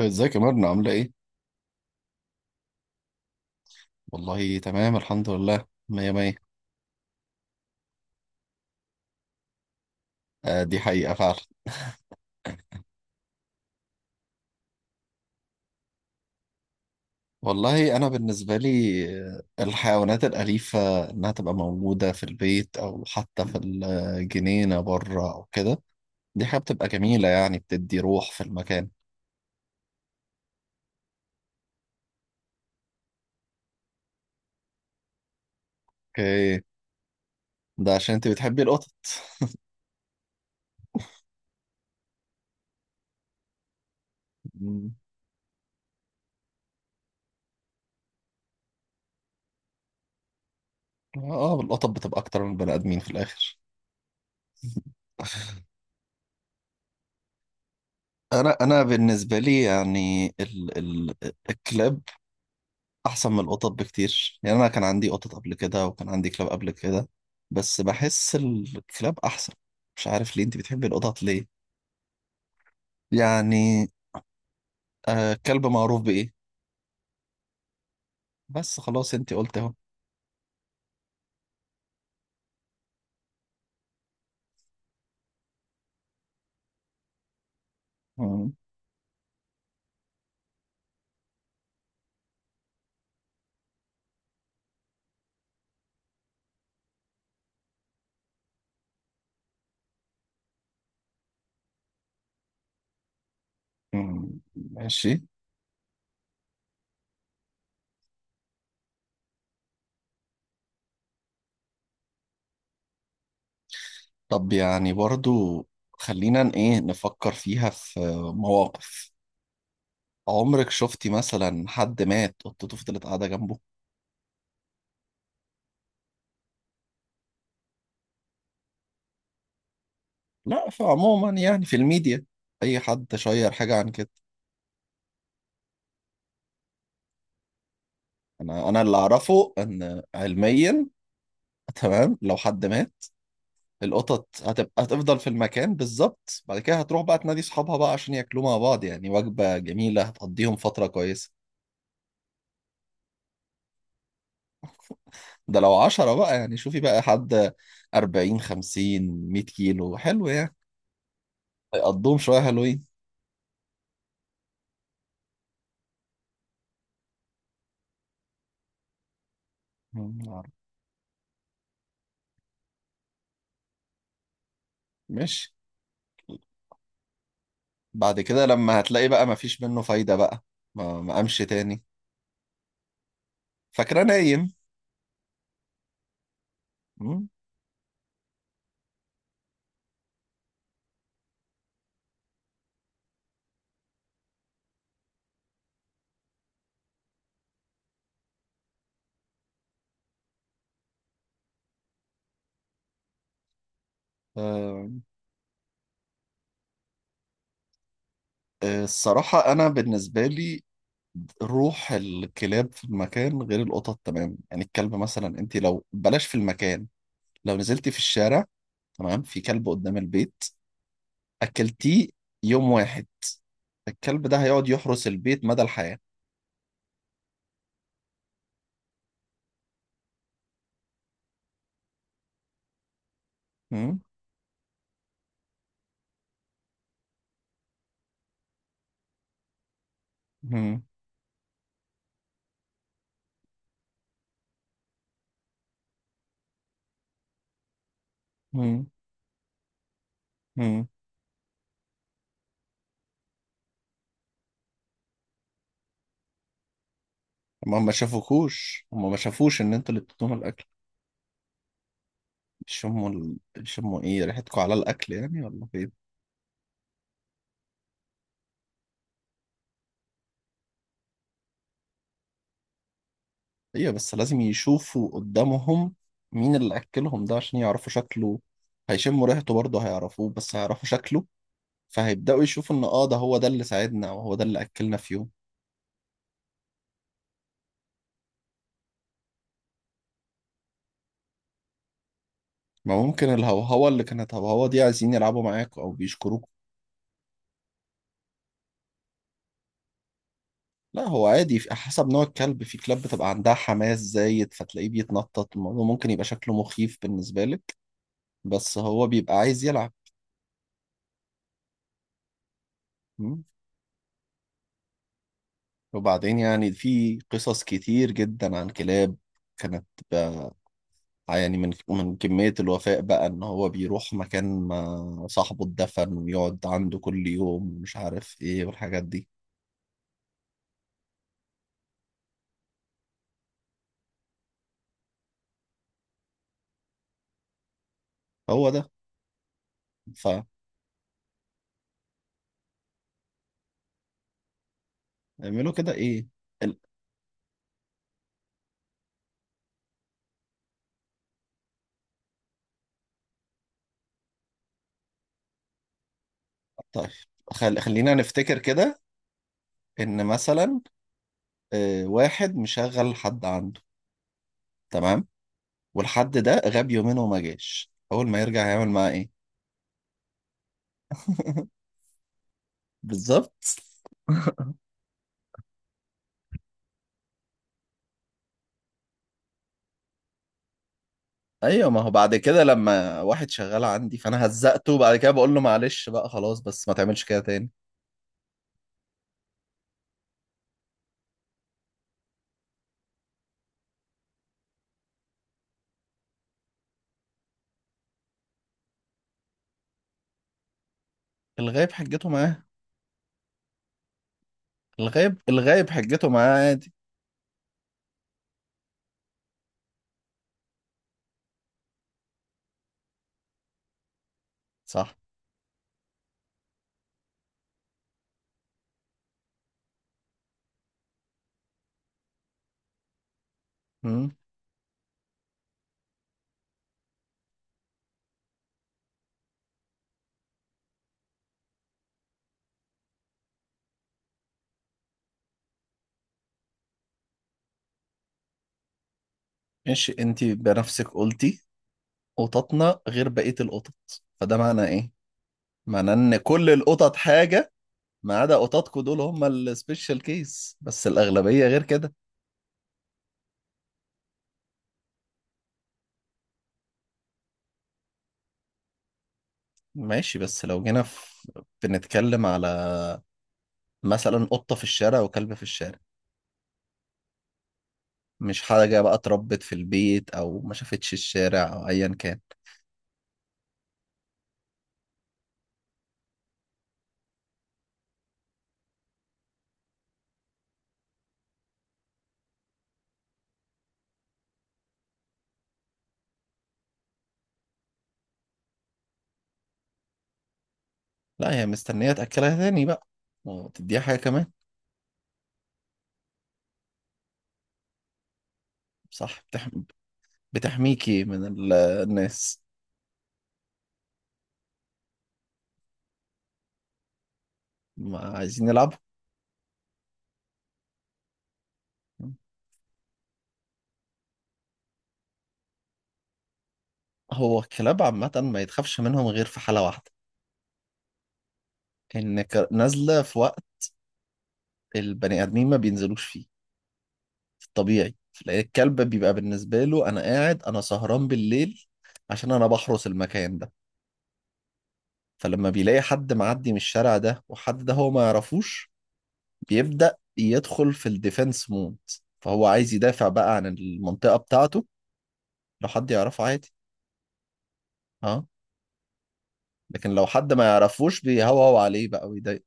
ازيك يا مرنة، عاملة ايه؟ والله تمام، الحمد لله، مية مية. آه، دي حقيقة فعلا. والله أنا بالنسبة لي الحيوانات الأليفة إنها تبقى موجودة في البيت أو حتى في الجنينة بره أو كده، دي حاجة بتبقى جميلة، يعني بتدي روح في المكان. اوكي. ده عشان انت بتحبي القطط؟ مم. اه، آه، القطط بتبقى أكتر من البني آدمين في الآخر. انا بالنسبه لي يعني ال ال الكلاب احسن من القطط بكتير، يعني انا كان عندي قطط قبل كده وكان عندي كلاب قبل كده، بس بحس الكلاب احسن. مش عارف ليه، انت بتحبي القطط ليه؟ يعني كلب معروف بايه؟ بس خلاص، انت قلت اهو. مم، مم، ماشي. طب يعني برضو، خلينا ن- ايه نفكر فيها في مواقف. عمرك شفتي مثلا حد مات قطته فضلت قاعدة جنبه؟ لا، فعموما يعني في الميديا اي حد شير حاجة عن كده. انا اللي اعرفه ان علميا، تمام، لو حد مات القطط هتفضل في المكان بالظبط، بعد كده هتروح بقى تنادي صحابها بقى عشان ياكلوا مع بعض، يعني وجبة جميلة هتقضيهم فترة كويسة. ده لو 10 بقى، يعني شوفي بقى حد 40 50 100 كيلو، حلو يعني. هيقضوهم شوية حلوين. مم، عارف. ماشي. بعد كده لما هتلاقي بقى مفيش منه فايدة بقى، ما قامش تاني. فاكرة نايم. مم. آه، الصراحة أنا بالنسبة لي روح الكلاب في المكان غير القطط، تمام؟ يعني الكلب مثلا، انت لو بلاش في المكان، لو نزلتي في الشارع، تمام، في كلب قدام البيت، اكلتيه يوم واحد، الكلب ده هيقعد يحرس البيت مدى الحياة. هم. هم. هم. هم. هما ما شافوش ان انتوا اللي بتدوهم الاكل؟ يشموا ايه، ريحتكم على الاكل يعني ولا فين؟ ايوه، بس لازم يشوفوا قدامهم مين اللي اكلهم ده عشان يعرفوا شكله. هيشموا ريحته برضه، هيعرفوه، بس هيعرفوا شكله، فهيبدأوا يشوفوا إن ده هو ده اللي ساعدنا أو هو ده اللي أكلنا في يوم. ما ممكن الهوهوة اللي كانت، هوهوة دي عايزين يلعبوا معاكوا أو بيشكروكوا. لا، هو عادي حسب نوع الكلب، في كلاب بتبقى عندها حماس زايد فتلاقيه بيتنطط، الموضوع ممكن يبقى شكله مخيف بالنسبة لك، بس هو بيبقى عايز يلعب. م؟ وبعدين يعني في قصص كتير جدا عن كلاب كانت، بقى، يعني من كمية الوفاء بقى إن هو بيروح مكان ما صاحبه اتدفن ويقعد عنده كل يوم ومش عارف إيه والحاجات دي. هو ده. فاعملوا كده ايه؟ ال- طيب، خلينا نفتكر كده، ان مثلا واحد مشغل حد عنده، تمام، والحد ده غاب يومين وما جاش، اول ما يرجع هيعمل معاه ايه؟ بالظبط. ايوه، ما هو بعد كده لما واحد شغال عندي فانا هزقته، وبعد كده بقول له معلش بقى، خلاص بس ما تعملش كده تاني. الغايب حجته معاه. الغايب حجته معاه، عادي. صح. امم ماشي. انت بنفسك قلتي قططنا غير بقية القطط، فده معنى ايه؟ معناه ان كل القطط حاجة ما عدا قططكوا، دول هم السبيشال كيس، بس الأغلبية غير كده. ماشي، بس لو جينا بنتكلم على مثلا قطة في الشارع وكلب في الشارع، مش حاجة بقى اتربت في البيت أو ما شافتش الشارع أو أيا كان. لا، هي مستنية تأكلها تاني بقى، وتديها حاجة كمان. صح. بتحميكي من الناس. ما عايزين يلعبوا. هو الكلاب عامة ما يتخافش منهم غير في حالة واحدة، ان نازله في وقت البني ادمين ما بينزلوش فيه في الطبيعي، لان الكلب بيبقى بالنسبه له انا قاعد، انا سهران بالليل عشان انا بحرس المكان ده، فلما بيلاقي حد معدي من الشارع ده وحد ده هو ما يعرفوش بيبدا يدخل في الديفense مود، فهو عايز يدافع بقى عن المنطقه بتاعته. لو حد يعرفه عادي. اه. لكن لو حد ما يعرفوش بيهوهو عليه بقى ويضايق.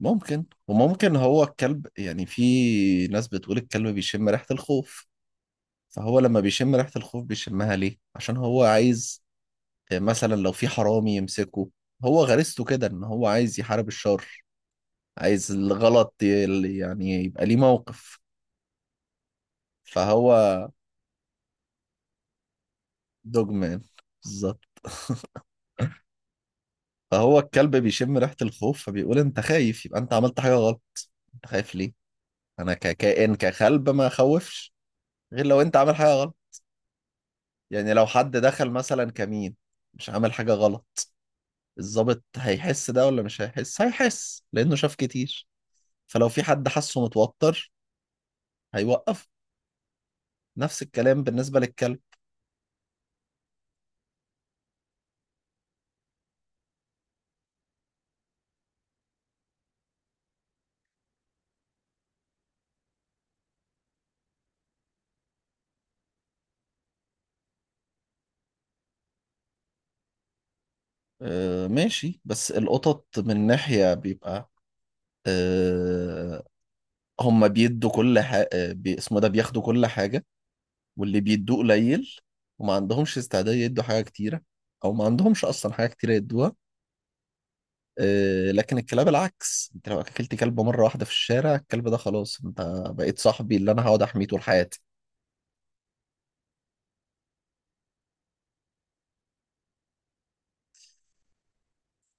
ممكن، وممكن هو الكلب، يعني في ناس بتقول الكلب بيشم ريحه الخوف، فهو لما بيشم ريحة الخوف بيشمها ليه؟ عشان هو عايز، مثلا لو في حرامي يمسكه، هو غريزته كده ان هو عايز يحارب الشر، عايز الغلط يعني يبقى ليه موقف. فهو دوجمان، بالظبط. فهو الكلب بيشم ريحة الخوف فبيقول انت خايف، يبقى انت عملت حاجة غلط. انت خايف ليه؟ انا ككائن، ككلب ما اخوفش غير لو انت عامل حاجة غلط. يعني لو حد دخل مثلا كمين مش عامل حاجة غلط، الضابط هيحس ده ولا مش هيحس؟ هيحس، لأنه شاف كتير، فلو في حد حاسه متوتر هيوقف. نفس الكلام بالنسبة للكلب. آه، ماشي، بس القطط من ناحية بيبقى آه هم بيدوا كل حاجة بي اسمه، ده بياخدوا كل حاجة، واللي بيدوه قليل، وما عندهمش استعداد يدوا حاجة كتيرة، أو ما عندهمش أصلا حاجة كتيرة يدوها. لكن الكلاب العكس، أنت لو أكلت كلب مرة واحدة في الشارع، الكلب ده خلاص، أنت بقيت صاحبي اللي أنا هقعد أحميه طول حياتي.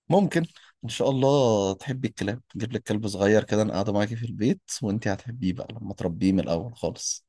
ممكن. ان شاء الله تحبي الكلاب، نجيب لك كلب صغير كده، انا قاعده معاكي في البيت وانتي هتحبيه بقى لما تربيه من الاول خالص.